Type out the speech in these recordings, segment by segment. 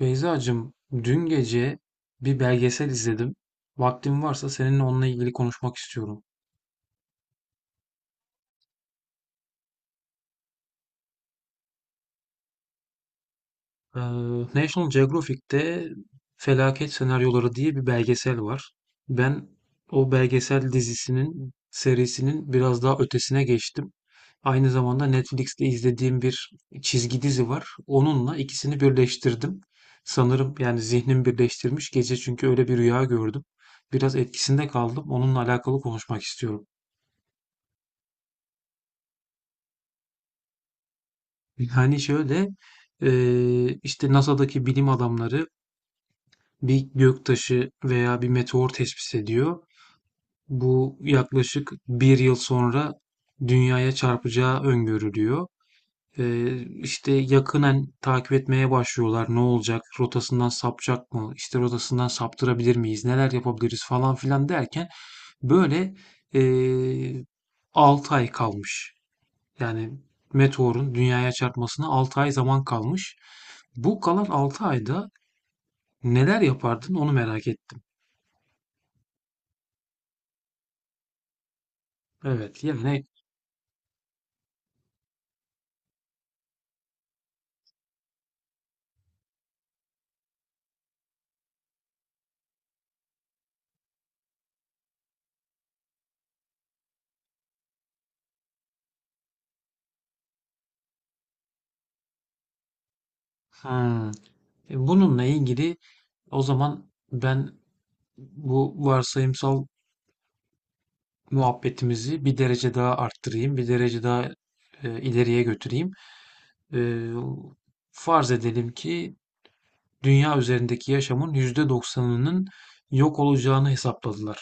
Beyzacığım, dün gece bir belgesel izledim. Vaktin varsa seninle onunla ilgili konuşmak istiyorum. Ee, National Geographic'te Felaket Senaryoları diye bir belgesel var. Ben o belgesel dizisinin, serisinin biraz daha ötesine geçtim. Aynı zamanda Netflix'te izlediğim bir çizgi dizi var. Onunla ikisini birleştirdim. Sanırım yani zihnim birleştirmiş gece çünkü öyle bir rüya gördüm. Biraz etkisinde kaldım. Onunla alakalı konuşmak istiyorum. Yani şöyle, işte NASA'daki bilim adamları bir göktaşı veya bir meteor tespit ediyor. Bu yaklaşık bir yıl sonra dünyaya çarpacağı öngörülüyor. İşte yakınen takip etmeye başlıyorlar. Ne olacak? Rotasından sapacak mı? İşte rotasından saptırabilir miyiz? Neler yapabiliriz falan filan derken böyle eee 6 ay kalmış. Yani meteorun dünyaya çarpmasına 6 ay zaman kalmış. Bu kalan 6 ayda neler yapardın onu merak ettim. Evet yani hmm. Bununla ilgili o zaman ben bu varsayımsal muhabbetimizi bir derece daha arttırayım, bir derece daha ileriye götüreyim. E, Farz edelim ki dünya üzerindeki yaşamın yüzde doksanının yok olacağını hesapladılar.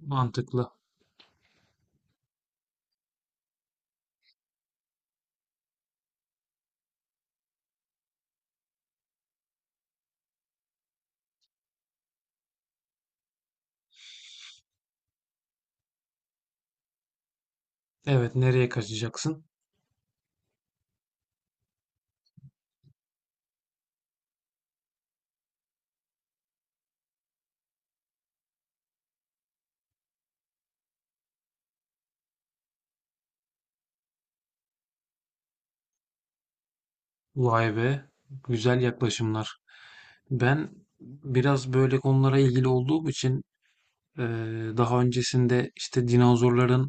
Mantıklı. Evet, nereye kaçacaksın? Vay be, güzel yaklaşımlar. Ben biraz böyle konulara ilgili olduğum için daha öncesinde işte dinozorların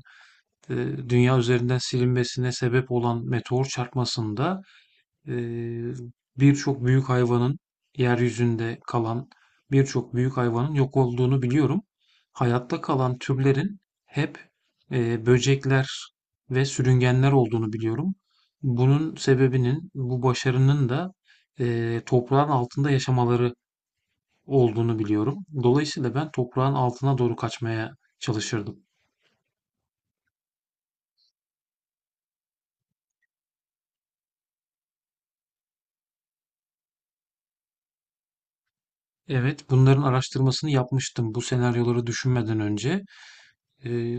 e, dünya üzerinden silinmesine sebep olan meteor çarpmasında e, birçok büyük hayvanın yeryüzünde kalan birçok büyük hayvanın yok olduğunu biliyorum. Hayatta kalan türlerin hep böcekler ve sürüngenler olduğunu biliyorum. Bunun sebebinin, bu başarının da toprağın altında yaşamaları olduğunu biliyorum. Dolayısıyla ben toprağın altına doğru kaçmaya çalışırdım. Evet, bunların araştırmasını yapmıştım bu senaryoları düşünmeden önce. Ee,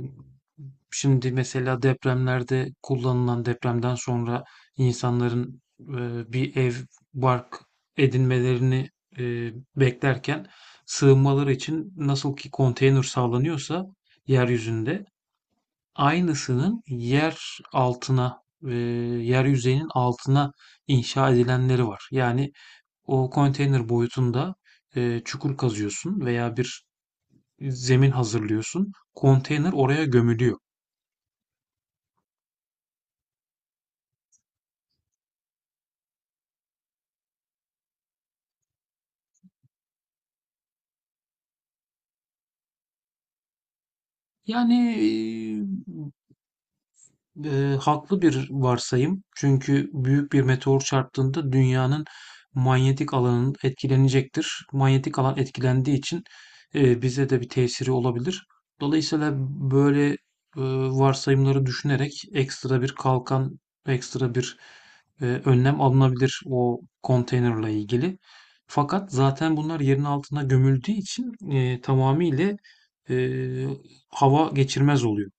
Şimdi mesela depremlerde kullanılan depremden sonra insanların bir ev, bark edinmelerini beklerken sığınmaları için nasıl ki konteyner sağlanıyorsa yeryüzünde aynısının yer altına, yer yüzeyinin altına inşa edilenleri var. Yani o konteyner boyutunda çukur kazıyorsun veya bir zemin hazırlıyorsun. Konteyner oraya gömülüyor. Yani e, haklı bir varsayım. Çünkü büyük bir meteor çarptığında dünyanın manyetik alanı etkilenecektir. Manyetik alan etkilendiği için bize de bir tesiri olabilir. Dolayısıyla böyle eee, varsayımları düşünerek ekstra bir kalkan, ekstra bir önlem alınabilir o konteynerle ilgili. Fakat zaten bunlar yerin altına gömüldüğü için tamamıyla eee, hava geçirmez oluyor.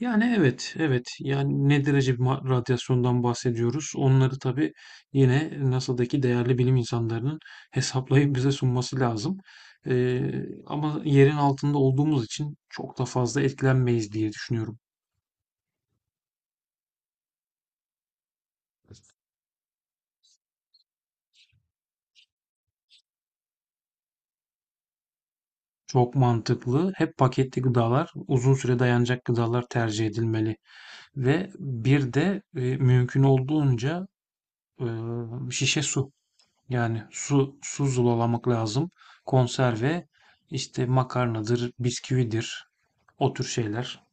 Yani evet, evet. Yani ne derece bir radyasyondan bahsediyoruz? Onları tabii yine NASA'daki değerli bilim insanlarının hesaplayıp bize sunması lazım. Ama yerin altında olduğumuz için çok da fazla etkilenmeyiz diye düşünüyorum. Çok mantıklı. Hep paketli gıdalar, uzun süre dayanacak gıdalar tercih edilmeli. Ve bir de mümkün olduğunca e, şişe su. Yani su zulalamak lazım. Konserve işte makarnadır, bisküvidir. O tür şeyler.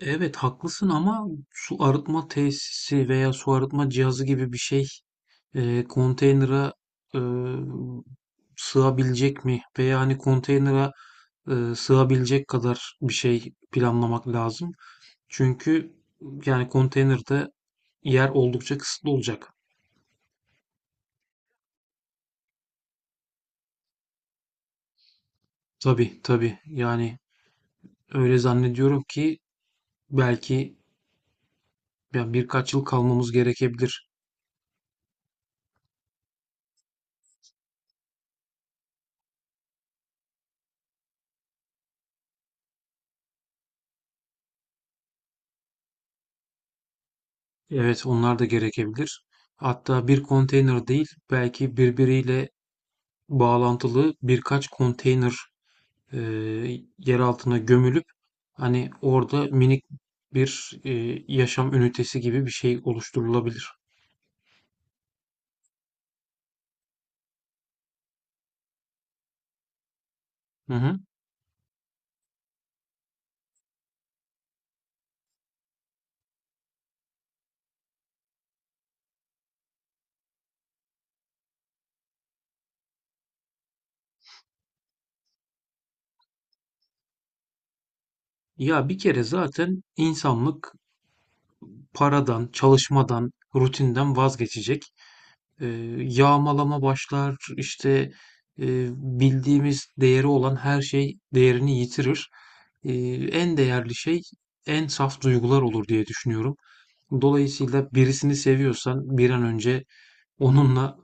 Evet haklısın ama su arıtma tesisi veya su arıtma cihazı gibi bir şey konteynere e, sığabilecek mi? Veya hani konteynere sığabilecek kadar bir şey planlamak lazım. Çünkü yani konteynerde yer oldukça kısıtlı olacak. Tabii tabii yani öyle zannediyorum ki belki ya birkaç yıl kalmamız gerekebilir. Evet, onlar da gerekebilir. Hatta bir konteyner değil, belki birbiriyle bağlantılı birkaç konteyner e, yer altına gömülüp hani orada minik bir yaşam ünitesi gibi bir şey oluşturulabilir. Hı hı. Ya bir kere zaten insanlık paradan, çalışmadan, rutinden vazgeçecek. Eee, Yağmalama başlar, işte, bildiğimiz değeri olan her şey değerini yitirir. En değerli şey en saf duygular olur diye düşünüyorum. Dolayısıyla birisini seviyorsan bir an önce onunla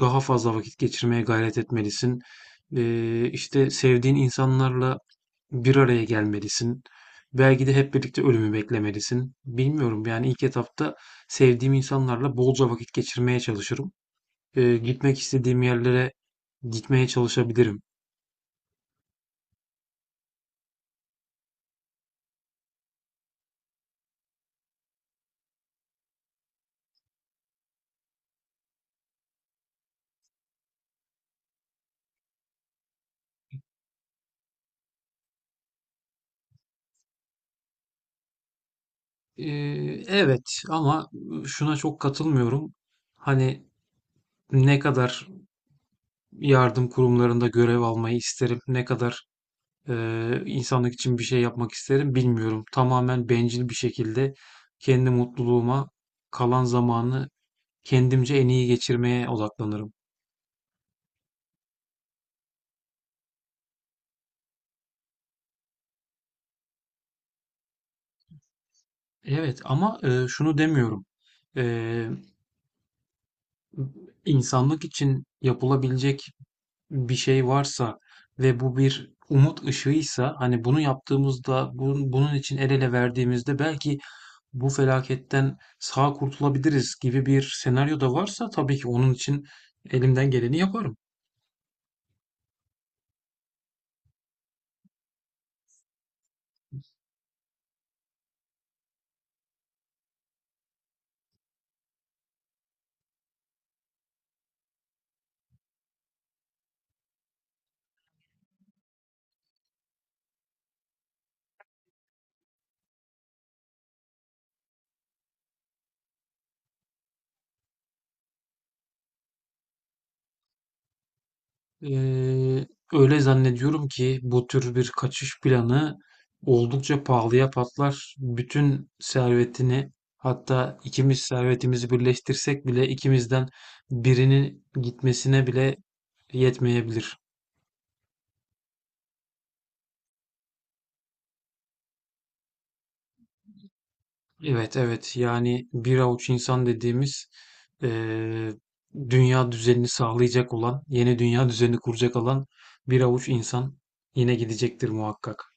daha fazla vakit geçirmeye gayret etmelisin. İşte, sevdiğin insanlarla bir araya gelmelisin. Belki de hep birlikte ölümü beklemelisin. Bilmiyorum, yani, ilk etapta sevdiğim insanlarla bolca vakit geçirmeye çalışırım, gitmek istediğim yerlere gitmeye çalışabilirim. E, evet ama şuna çok katılmıyorum. Hani ne kadar yardım kurumlarında görev almayı isterim, ne kadar e, insanlık için bir şey yapmak isterim bilmiyorum. Tamamen bencil bir şekilde kendi mutluluğuma kalan zamanı kendimce en iyi geçirmeye odaklanırım. Evet ama şunu demiyorum. E, insanlık için yapılabilecek bir şey varsa ve bu bir umut ışığıysa hani bunu yaptığımızda bunun için el ele verdiğimizde belki bu felaketten sağ kurtulabiliriz gibi bir senaryo da varsa tabii ki onun için elimden geleni yaparım. Ee, Öyle zannediyorum ki bu tür bir kaçış planı oldukça pahalıya patlar. Bütün servetini hatta ikimiz servetimizi birleştirsek bile ikimizden birinin gitmesine bile yetmeyebilir. Evet evet yani bir avuç insan dediğimiz eee, dünya düzenini sağlayacak olan, yeni dünya düzenini kuracak olan bir avuç insan yine gidecektir muhakkak.